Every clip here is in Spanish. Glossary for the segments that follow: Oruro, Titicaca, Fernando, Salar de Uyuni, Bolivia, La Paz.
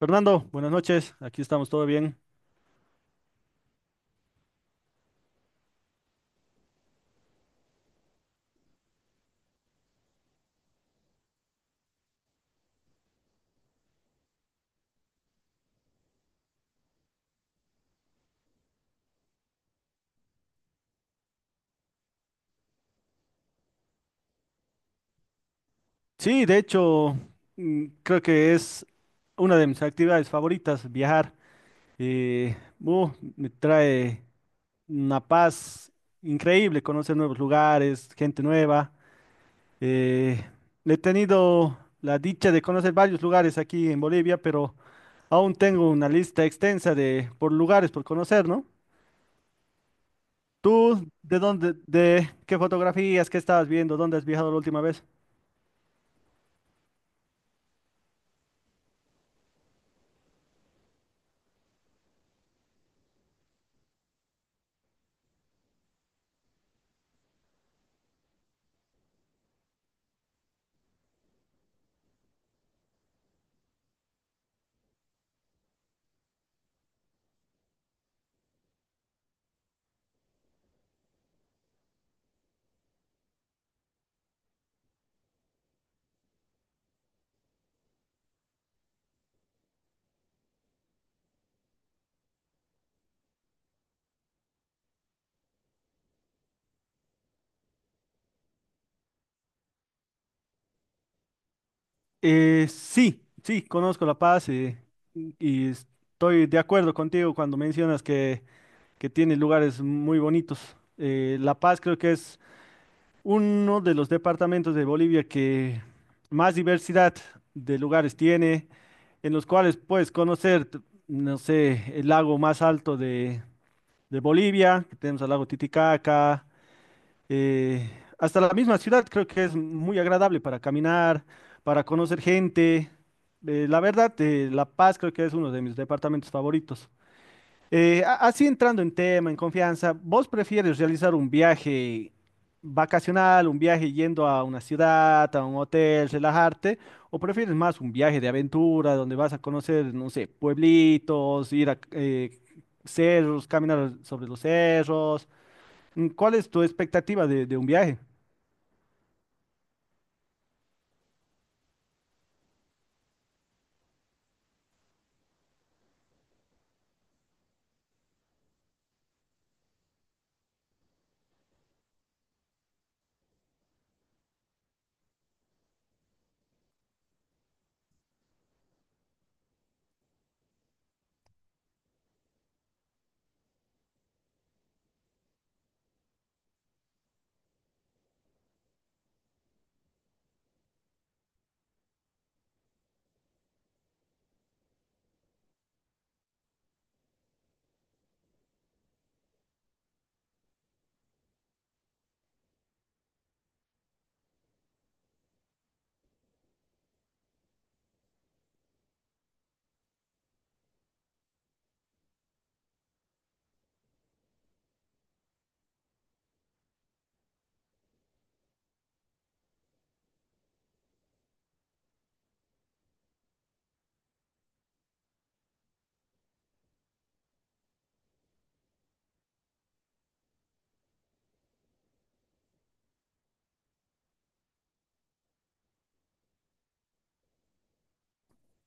Fernando, buenas noches. Aquí estamos, ¿todo bien? Sí, de hecho, creo que es una de mis actividades favoritas, viajar. Eh, uh, me trae una paz increíble, conocer nuevos lugares, gente nueva. Eh, he tenido la dicha de conocer varios lugares aquí en Bolivia, pero aún tengo una lista extensa de por lugares por conocer, ¿no? ¿Tú de dónde, de qué fotografías, qué estabas viendo, dónde has viajado la última vez? Sí, sí, conozco La Paz y estoy de acuerdo contigo cuando mencionas que tiene lugares muy bonitos. La Paz creo que es uno de los departamentos de Bolivia que más diversidad de lugares tiene, en los cuales puedes conocer, no sé, el lago más alto de Bolivia, que tenemos el lago Titicaca, eh, hasta la misma ciudad creo que es muy agradable para caminar, para conocer gente. La verdad, La Paz creo que es uno de mis departamentos favoritos. Así entrando en tema, en confianza, ¿vos prefieres realizar un viaje vacacional, un viaje yendo a una ciudad, a un hotel, relajarte, o prefieres más un viaje de aventura donde vas a conocer, no sé, pueblitos, ir a cerros, caminar sobre los cerros? ¿Cuál es tu expectativa de un viaje?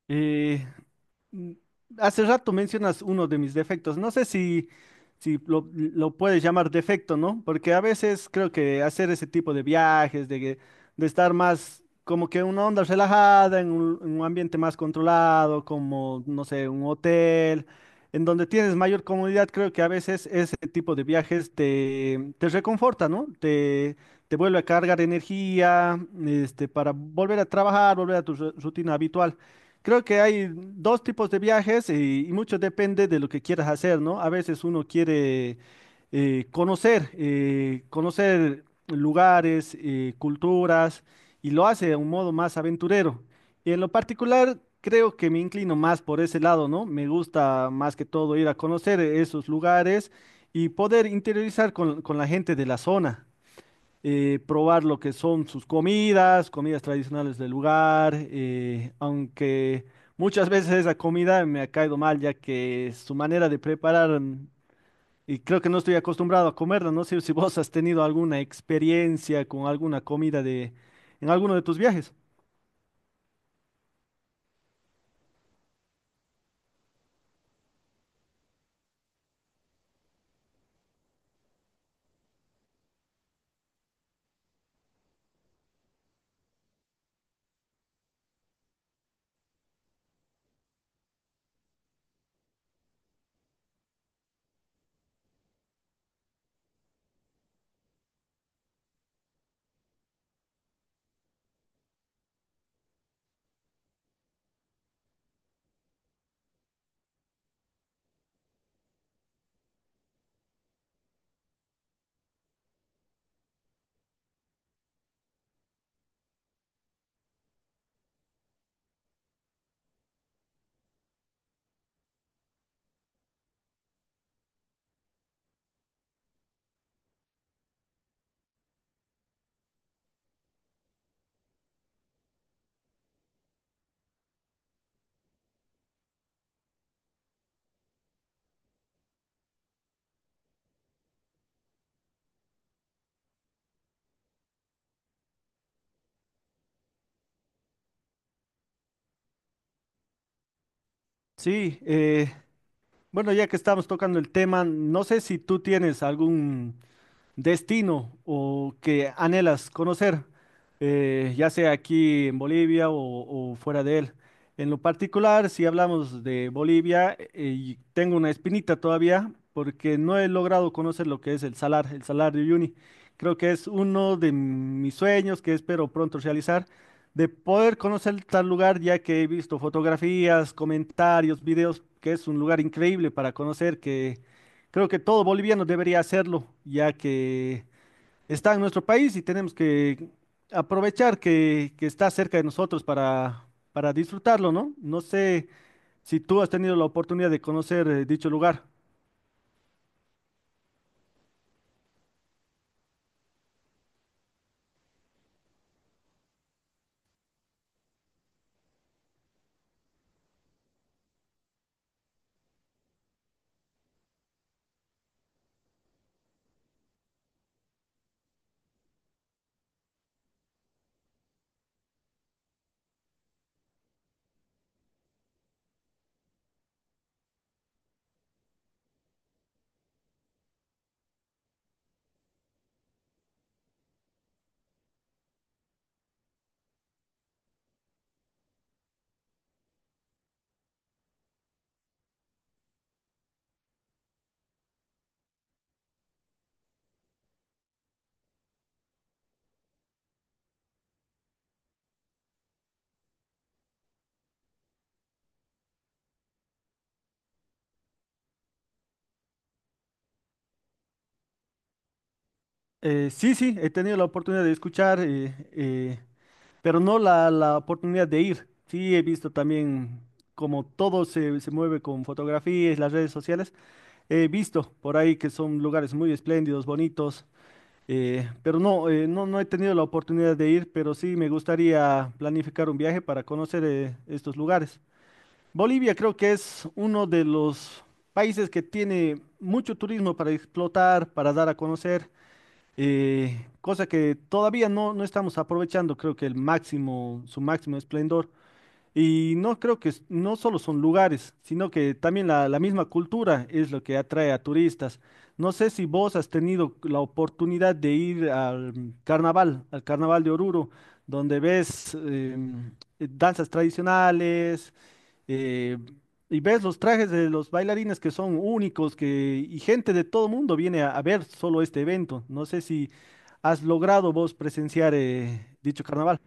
Eh, mm, hace rato mencionas uno de mis defectos. No sé si, si lo, lo puedes llamar defecto, ¿no? Porque a veces creo que hacer ese tipo de viajes, de estar más como que en una onda relajada, en un ambiente más controlado, como, no sé, un hotel, en donde tienes mayor comodidad, creo que a veces ese tipo de viajes te, te reconforta, ¿no? Te vuelve a cargar energía, este, para volver a trabajar, volver a tu rutina habitual. Creo que hay dos tipos de viajes y, mucho depende de lo que quieras hacer, ¿no? A veces uno quiere conocer, conocer lugares, culturas y lo hace de un modo más aventurero. Y en lo particular, creo que me inclino más por ese lado, ¿no? Me gusta más que todo ir a conocer esos lugares y poder interiorizar con la gente de la zona probar lo que son sus comidas, comidas tradicionales del lugar, aunque muchas veces esa comida me ha caído mal, ya que su manera de preparar, y creo que no estoy acostumbrado a comerla, no sé si vos has tenido alguna experiencia con alguna comida de, en alguno de tus viajes. Sí, bueno, ya que estamos tocando el tema, no sé si tú tienes algún destino o que anhelas conocer, ya sea aquí en Bolivia o fuera de él. En lo particular, si hablamos de Bolivia, y tengo una espinita todavía porque no he logrado conocer lo que es el Salar de Uyuni. Creo que es uno de mis sueños que espero pronto realizar, de poder conocer tal lugar, ya que he visto fotografías, comentarios, videos, que es un lugar increíble para conocer, que creo que todo boliviano debería hacerlo, ya que está en nuestro país y tenemos que aprovechar que está cerca de nosotros para disfrutarlo, ¿no? No sé si tú has tenido la oportunidad de conocer dicho lugar. Sí, sí, he tenido la oportunidad de escuchar, pero no la, la oportunidad de ir. Sí, he visto también como todo se, se mueve con fotografías, las redes sociales. He visto por ahí que son lugares muy espléndidos, bonitos. Pero no, no, no he tenido la oportunidad de ir, pero sí me gustaría planificar un viaje para conocer estos lugares. Bolivia creo que es uno de los países que tiene mucho turismo para explotar, para dar a conocer, cosa que todavía no, no estamos aprovechando, creo que el máximo, su máximo esplendor. Y no creo que no solo son lugares, sino que también la misma cultura es lo que atrae a turistas. No sé si vos has tenido la oportunidad de ir al carnaval, al carnaval de Oruro, donde ves danzas tradicionales eh, y ves los trajes de los bailarines que son únicos que, y gente de todo mundo viene a ver solo este evento. No sé si has logrado vos presenciar dicho carnaval.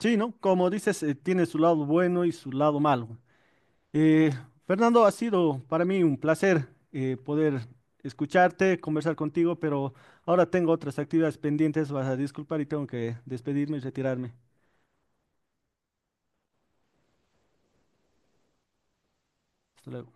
Sí, ¿no? Como dices, tiene su lado bueno y su lado malo. Eh, Fernando, ha sido para mí un placer poder escucharte, conversar contigo, pero ahora tengo otras actividades pendientes, vas a disculpar y tengo que despedirme y retirarme. Hasta luego.